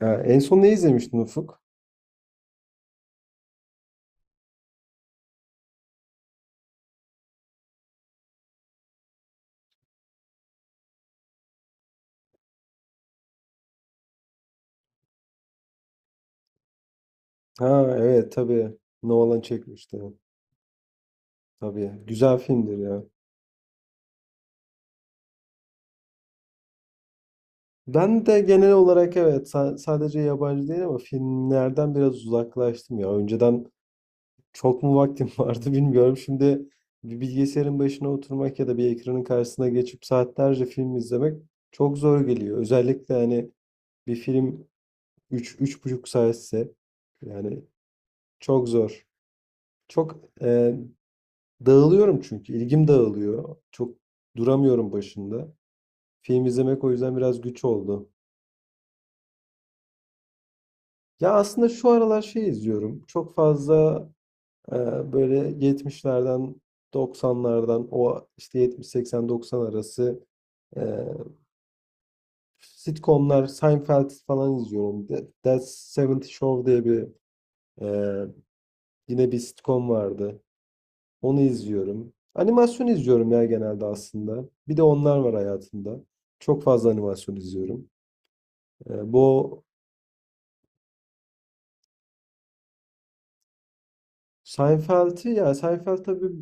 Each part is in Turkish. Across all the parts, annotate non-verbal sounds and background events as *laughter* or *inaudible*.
Ha, en son ne izlemiştin Ufuk? Ha evet tabii. Nolan çekmişti. Tabii. Güzel filmdir ya. Ben de genel olarak evet, sadece yabancı değil ama filmlerden biraz uzaklaştım ya. Önceden çok mu vaktim *laughs* vardı bilmiyorum. Şimdi bir bilgisayarın başına oturmak ya da bir ekranın karşısına geçip saatlerce film izlemek çok zor geliyor. Özellikle hani bir film üç, üç buçuk saatse yani çok zor. Çok dağılıyorum çünkü. İlgim dağılıyor. Çok duramıyorum başında. Film izlemek o yüzden biraz güç oldu. Ya aslında şu aralar şey izliyorum. Çok fazla e, böyle 70'lerden 90'lardan, o işte 70-80-90 arası e, sitcomlar, Seinfeld falan izliyorum. That 70 Show diye bir, e, yine bir sitcom vardı. Onu izliyorum. Animasyon izliyorum ya genelde aslında. Bir de onlar var hayatımda. Çok fazla animasyon izliyorum. Bu Seinfeld'i, ya Seinfeld tabii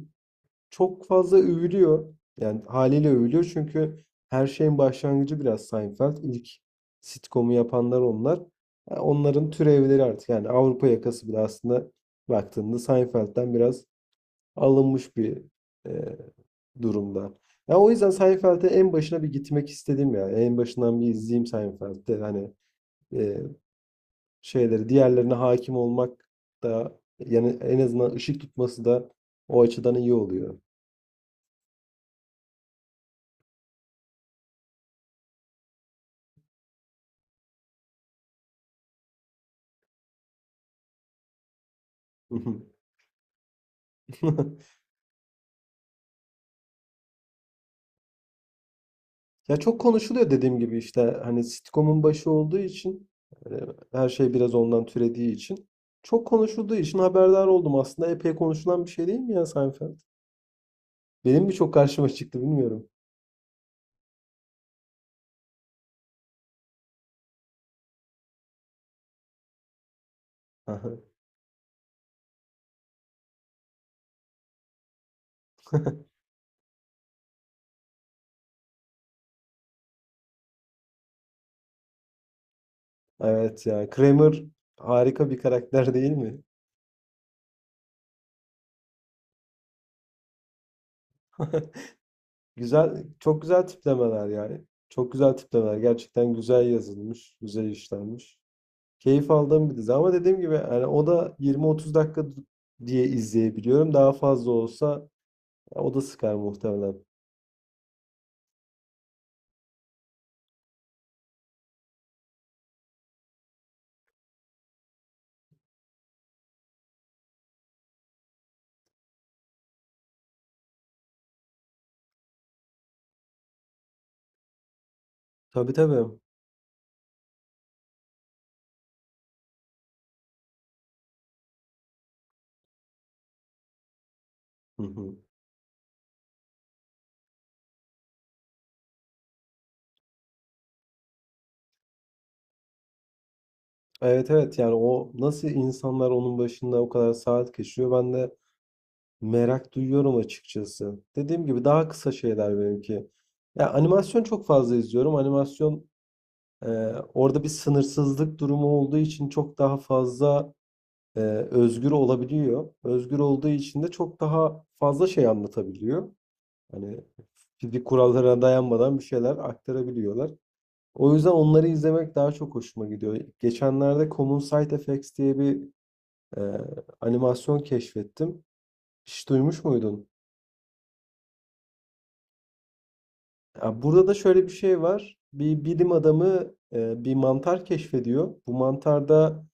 çok fazla övülüyor. Yani haliyle övülüyor çünkü her şeyin başlangıcı biraz Seinfeld. İlk sitcom'u yapanlar onlar. Yani onların türevleri artık, yani Avrupa yakası bile aslında baktığında Seinfeld'den biraz alınmış bir e, durumda. Ya o yüzden Seinfeld'e en başına bir gitmek istedim ya. En başından bir izleyeyim Seinfeld'de. Hani e, şeyleri diğerlerine hakim olmak da yani, en azından ışık tutması da o açıdan iyi oluyor. *laughs* Ya çok konuşuluyor dediğim gibi, işte hani sitcom'un başı olduğu için, hani her şey biraz ondan türediği için, çok konuşulduğu için haberdar oldum. Aslında epey konuşulan bir şey değil mi ya Seinfeld? Benim mi çok karşıma çıktı bilmiyorum. *laughs* Evet ya. Kramer harika bir karakter *laughs* değil mi? Güzel, çok güzel tiplemeler yani. Çok güzel tiplemeler. Gerçekten güzel yazılmış, güzel işlenmiş. Keyif aldığım bir dizi ama dediğim gibi, yani o da 20-30 dakika diye izleyebiliyorum. Daha fazla olsa ya, o da sıkar muhtemelen. Tabii tabii. Hı hı. Evet evet, yani o nasıl insanlar onun başında o kadar saat geçiriyor ben de merak duyuyorum açıkçası. Dediğim gibi daha kısa şeyler benimki. Ya animasyon çok fazla izliyorum. Animasyon, e, orada bir sınırsızlık durumu olduğu için çok daha fazla e, özgür olabiliyor. Özgür olduğu için de çok daha fazla şey anlatabiliyor. Hani fizik kurallara dayanmadan bir şeyler aktarabiliyorlar. O yüzden onları izlemek daha çok hoşuma gidiyor. Geçenlerde Common Side Effects diye bir ee, animasyon keşfettim. Hiç duymuş muydun? Ya burada da şöyle bir şey var. Bir bilim adamı bir mantar keşfediyor. Bu mantarda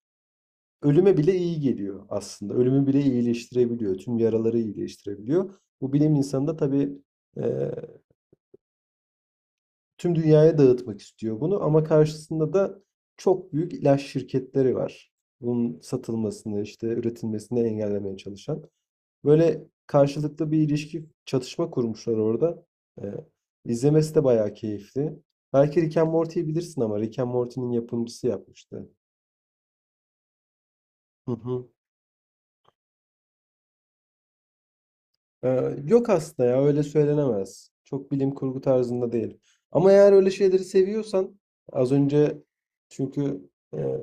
ölüme bile iyi geliyor aslında. Ölümü bile iyileştirebiliyor. Tüm yaraları iyileştirebiliyor. Bu bilim insanı da tabii tüm dünyaya dağıtmak istiyor bunu, ama karşısında da çok büyük ilaç şirketleri var. Bunun satılmasını, işte üretilmesini engellemeye çalışan. Böyle karşılıklı bir ilişki, çatışma kurmuşlar orada. Ee, izlemesi de bayağı keyifli. Belki Rick and Morty'yi bilirsin ama Rick and Morty'nin yapımcısı yapmıştı. Hı hı. Yok aslında, ya öyle söylenemez. Çok bilim kurgu tarzında değil. Ama eğer öyle şeyleri seviyorsan, az önce çünkü e,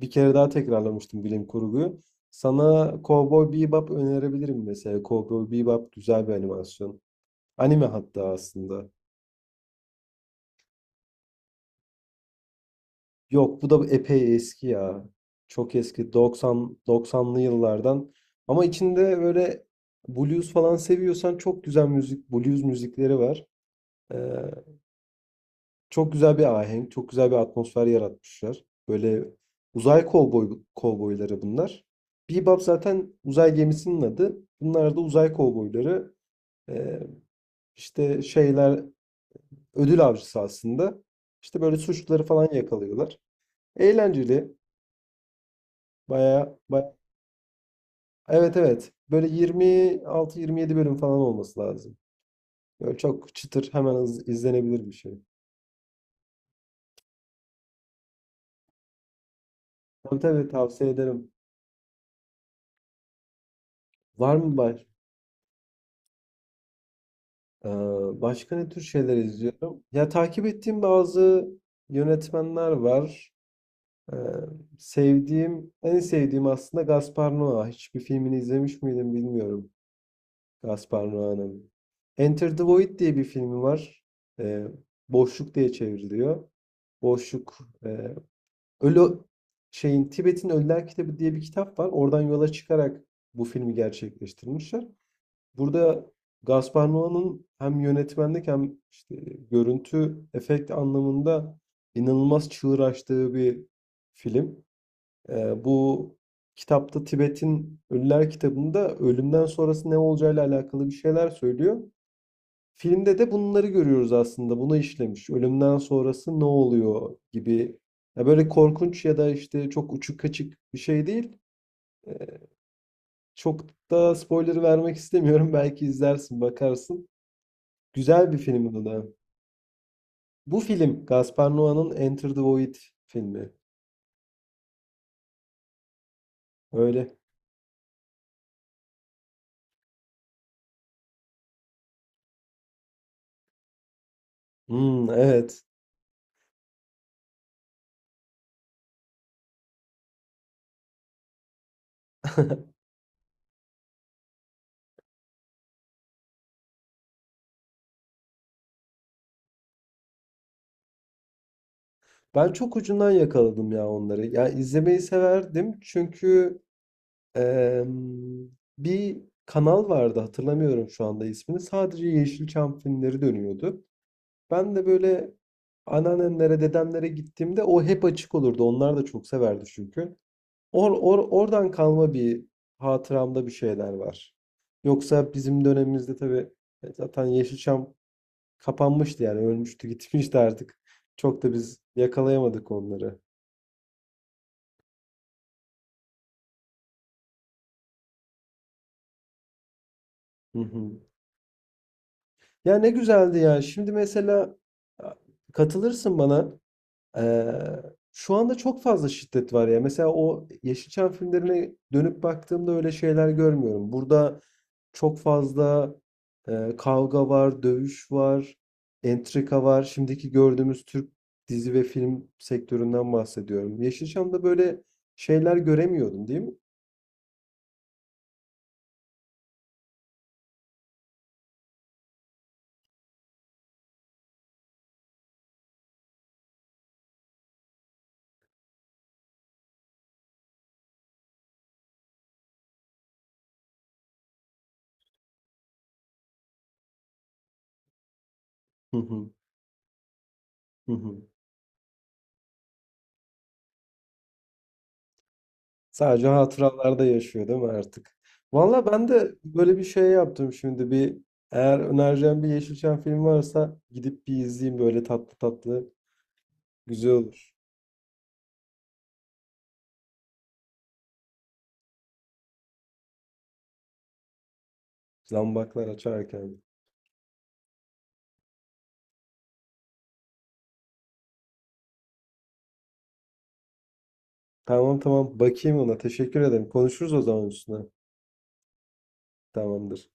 bir kere daha tekrarlamıştım bilim kurguyu. Sana Cowboy Bebop önerebilirim mesela. Cowboy Bebop güzel bir animasyon. Anime hatta aslında. Yok, bu da epey eski ya. Çok eski, 90 90'lı yıllardan. Ama içinde böyle blues falan seviyorsan çok güzel müzik, blues müzikleri var. Ee, Çok güzel bir ahenk, çok güzel bir atmosfer yaratmışlar. Böyle uzay kovboyları bunlar. Bebop zaten uzay gemisinin adı. Bunlar da uzay kovboyları. Ee, işte şeyler, ödül avcısı aslında. İşte böyle suçluları falan yakalıyorlar. Eğlenceli. Baya, baya... Evet evet. Böyle 26-27 bölüm falan olması lazım. Böyle çok çıtır, hemen izlenebilir bir şey. Tabii tabii, tavsiye ederim. Var mı baş, Ee, Başka ne tür şeyler izliyorum? Ya takip ettiğim bazı yönetmenler var. Ee, Sevdiğim, en sevdiğim aslında Gaspar Noé. Hiçbir filmini izlemiş miydim bilmiyorum. Gaspar Noé'nin. Enter the Void diye bir filmi var. Ee, Boşluk diye çevriliyor. Boşluk. e, Ölü şeyin, Tibet'in Ölüler Kitabı diye bir kitap var. Oradan yola çıkarak bu filmi gerçekleştirmişler. Burada Gaspar Noé'nin hem yönetmenlik hem işte görüntü efekt anlamında inanılmaz çığır açtığı bir film. Bu kitapta, Tibet'in Ölüler kitabında, ölümden sonrası ne olacağıyla alakalı bir şeyler söylüyor. Filmde de bunları görüyoruz aslında. Bunu işlemiş. Ölümden sonrası ne oluyor gibi. Ya böyle korkunç ya da işte çok uçuk kaçık bir şey değil. Ee, Çok da spoiler vermek istemiyorum. *laughs* Belki izlersin, bakarsın. Güzel bir film o da. Bu film Gaspar Noé'nin Enter the Void filmi. Öyle. Hmm, evet. *laughs* Ben çok ucundan yakaladım ya onları. Ya izlemeyi severdim çünkü, em, bir kanal vardı, hatırlamıyorum şu anda ismini. Sadece Yeşilçam filmleri dönüyordu. Ben de böyle anneannemlere, dedemlere gittiğimde o hep açık olurdu. Onlar da çok severdi çünkü. Oradan kalma bir hatıramda bir şeyler var. Yoksa bizim dönemimizde tabii zaten Yeşilçam kapanmıştı, yani ölmüştü gitmişti artık. Çok da biz yakalayamadık onları. Hı hı. Ya ne güzeldi ya. Şimdi mesela katılırsın bana. Eee, Şu anda çok fazla şiddet var ya. Mesela o Yeşilçam filmlerine dönüp baktığımda öyle şeyler görmüyorum. Burada çok fazla kavga var, dövüş var, entrika var. Şimdiki gördüğümüz Türk dizi ve film sektöründen bahsediyorum. Yeşilçam'da böyle şeyler göremiyordum, değil mi? Hı hı, hı hı. Sadece hatıralarda yaşıyor değil mi artık? Valla ben de böyle bir şey yaptım şimdi, bir, eğer önereceğim bir Yeşilçam filmi varsa gidip bir izleyeyim, böyle tatlı tatlı güzel olur. Zambaklar açarken. Tamam tamam, bakayım ona, teşekkür ederim. Konuşuruz o zaman üstüne. Tamamdır.